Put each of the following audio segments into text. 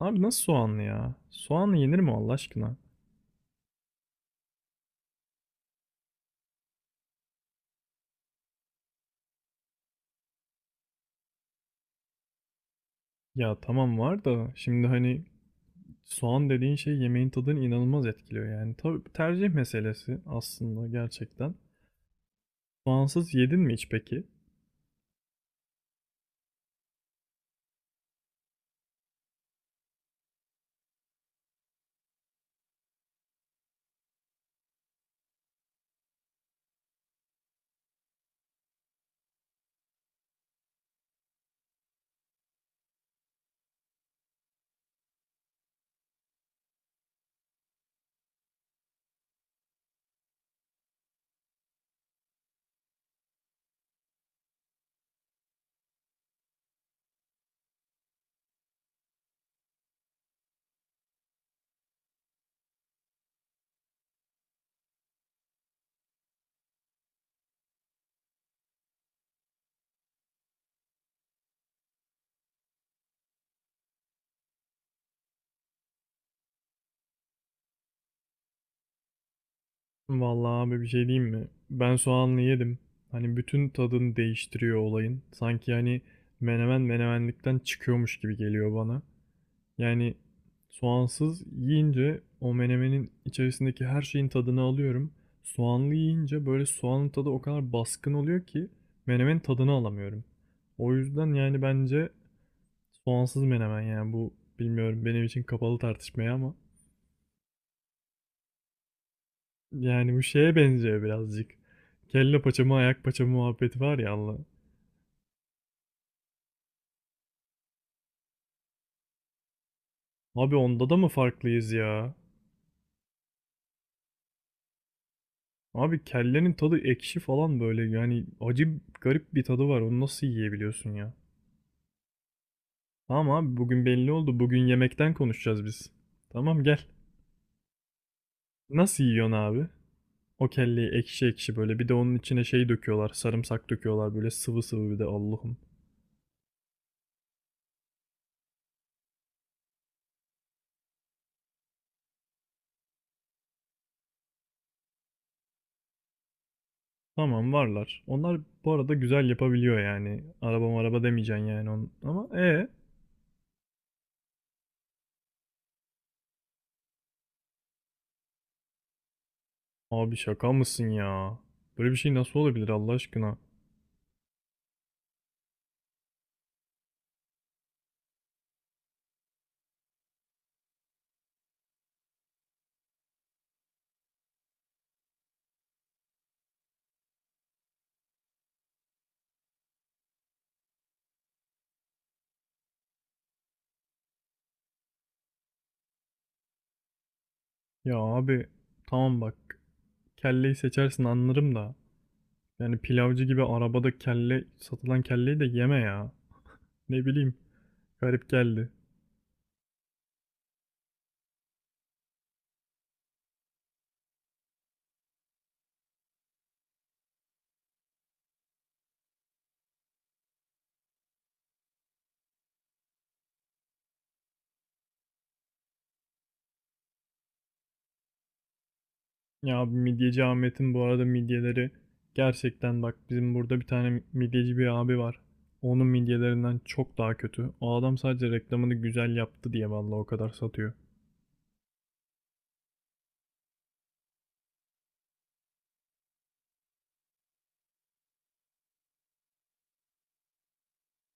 Abi nasıl soğanlı ya? Soğanlı yenir mi Allah aşkına? Ya tamam var da şimdi soğan dediğin şey yemeğin tadını inanılmaz etkiliyor yani. Tabii tercih meselesi aslında gerçekten. Soğansız yedin mi hiç peki? Vallahi abi bir şey diyeyim mi? Ben soğanlı yedim. Bütün tadını değiştiriyor olayın. Sanki menemen menemenlikten çıkıyormuş gibi geliyor bana. Yani soğansız yiyince o menemenin içerisindeki her şeyin tadını alıyorum. Soğanlı yiyince böyle soğanın tadı o kadar baskın oluyor ki menemenin tadını alamıyorum. O yüzden yani bence soğansız menemen yani bu bilmiyorum benim için kapalı tartışmaya ama yani bu şeye benziyor birazcık. Kelle paça mı ayak paça mı muhabbeti var ya Allah. Abi onda da mı farklıyız ya? Abi kellenin tadı ekşi falan böyle yani acı garip bir tadı var. Onu nasıl yiyebiliyorsun ya? Tamam abi bugün belli oldu. Bugün yemekten konuşacağız biz. Tamam gel. Nasıl yiyorsun abi? O kelleyi ekşi ekşi böyle bir de onun içine şey döküyorlar. Sarımsak döküyorlar böyle sıvı sıvı bir de Allah'ım. Tamam varlar. Onlar bu arada güzel yapabiliyor yani. Araba araba demeyeceksin yani on. Ama abi şaka mısın ya? Böyle bir şey nasıl olabilir Allah aşkına? Ya abi tamam bak kelleyi seçersin anlarım da. Yani pilavcı gibi arabada kelle satılan kelleyi de yeme ya. Ne bileyim garip geldi. Ya abi midyeci Ahmet'in bu arada midyeleri gerçekten bak bizim burada bir tane midyeci bir abi var. Onun midyelerinden çok daha kötü. O adam sadece reklamını güzel yaptı diye vallahi o kadar satıyor.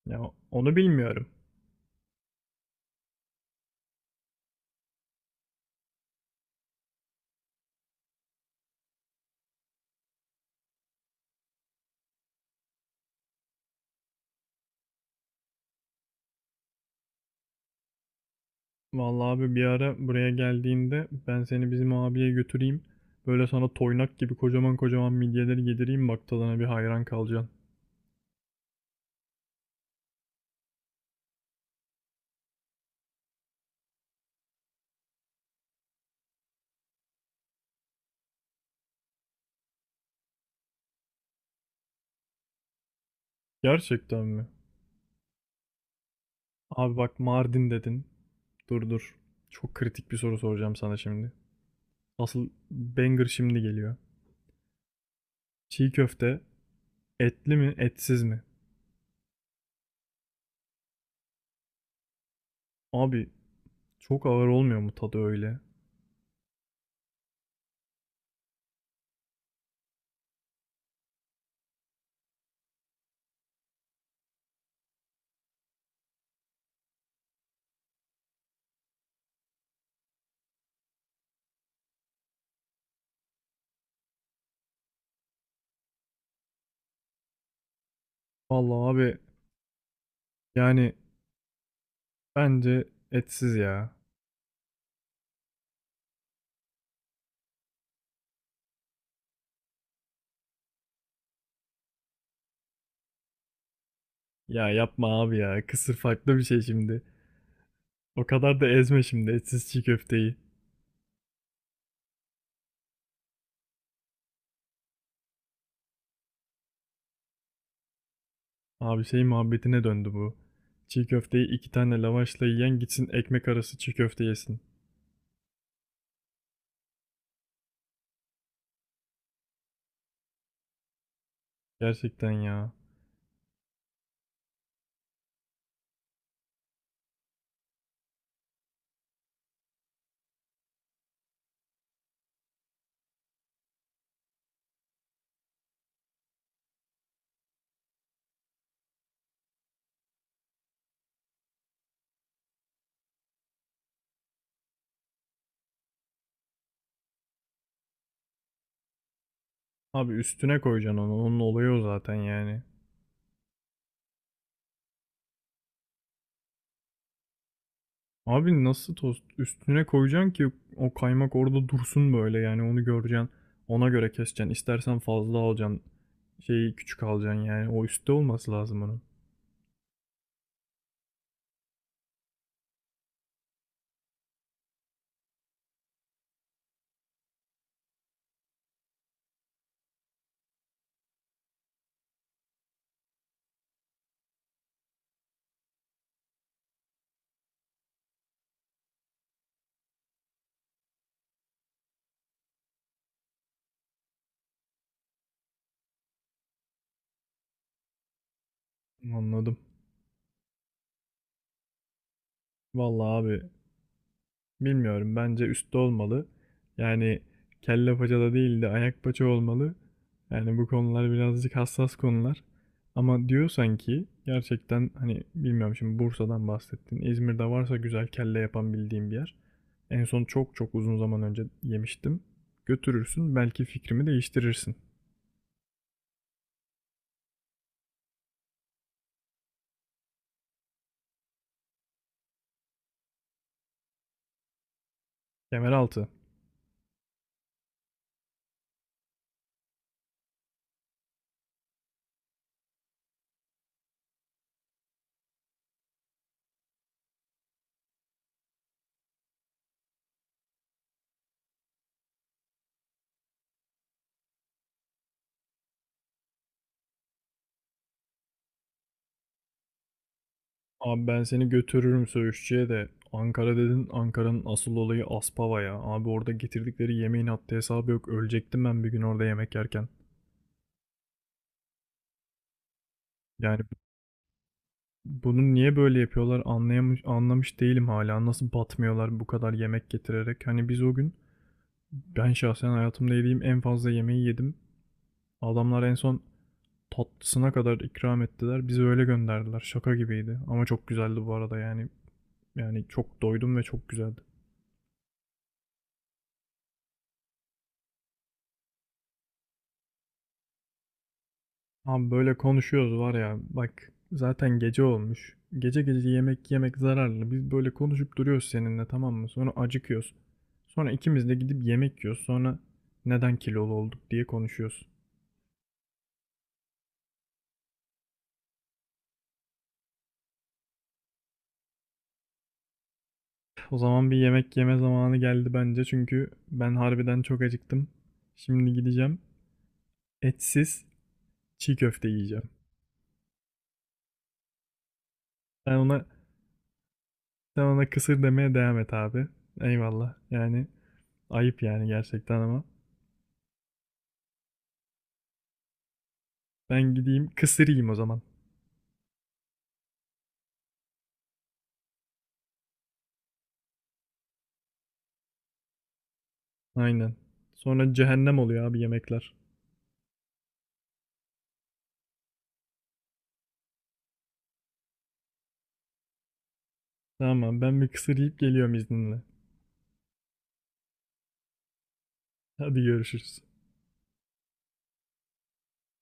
Ya onu bilmiyorum. Vallahi abi bir ara buraya geldiğinde ben seni bizim abiye götüreyim. Böyle sana toynak gibi kocaman kocaman midyeleri yedireyim bak tadına bir hayran kalacaksın. Gerçekten mi? Abi bak Mardin dedin. Dur dur. Çok kritik bir soru soracağım sana şimdi. Asıl banger şimdi geliyor. Çiğ köfte etli mi etsiz mi? Abi çok ağır olmuyor mu tadı öyle? Vallahi abi yani bence etsiz ya. Ya yapma abi ya. Kısır farklı bir şey şimdi. O kadar da ezme şimdi etsiz çiğ köfteyi. Abi şey muhabbetine döndü bu. Çiğ köfteyi iki tane lavaşla yiyen gitsin ekmek arası çiğ köfte yesin. Gerçekten ya. Abi üstüne koyacaksın onu. Onun olayı o zaten yani. Abi nasıl tost üstüne koyacaksın ki o kaymak orada dursun böyle yani onu göreceksin. Ona göre keseceksin. İstersen fazla alacaksın. Şeyi küçük alacaksın yani. O üstte olması lazım onun. Anladım. Vallahi abi bilmiyorum. Bence üstte olmalı. Yani kelle paçada değil de ayak paça olmalı. Yani bu konular birazcık hassas konular. Ama diyorsan ki gerçekten hani bilmiyorum şimdi Bursa'dan bahsettin. İzmir'de varsa güzel kelle yapan bildiğim bir yer. En son çok çok uzun zaman önce yemiştim. Götürürsün belki fikrimi değiştirirsin. Kemeraltı. Abi ben seni götürürüm söğüşçüye de. Ankara dedin, Ankara'nın asıl olayı Aspava ya. Abi orada getirdikleri yemeğin haddi hesabı yok. Ölecektim ben bir gün orada yemek yerken. Yani bunu niye böyle yapıyorlar anlayamış, anlamış değilim hala. Nasıl batmıyorlar bu kadar yemek getirerek. Hani biz o gün ben şahsen hayatımda yediğim en fazla yemeği yedim. Adamlar en son tatlısına kadar ikram ettiler. Bizi öyle gönderdiler. Şaka gibiydi. Ama çok güzeldi bu arada yani. Yani çok doydum ve çok güzeldi. Abi böyle konuşuyoruz var ya bak zaten gece olmuş. Gece gece yemek yemek zararlı. Biz böyle konuşup duruyoruz seninle tamam mı? Sonra acıkıyoruz. Sonra ikimiz de gidip yemek yiyoruz. Sonra neden kilolu olduk diye konuşuyoruz. O zaman bir yemek yeme zamanı geldi bence çünkü ben harbiden çok acıktım. Şimdi gideceğim etsiz çiğ köfte yiyeceğim. Sen ona sen ona kısır demeye devam et abi. Eyvallah. Yani ayıp yani gerçekten ama. Ben gideyim kısır yiyeyim o zaman. Aynen. Sonra cehennem oluyor abi yemekler. Tamam abi, ben bir kısır yiyip geliyorum izninle. Hadi görüşürüz.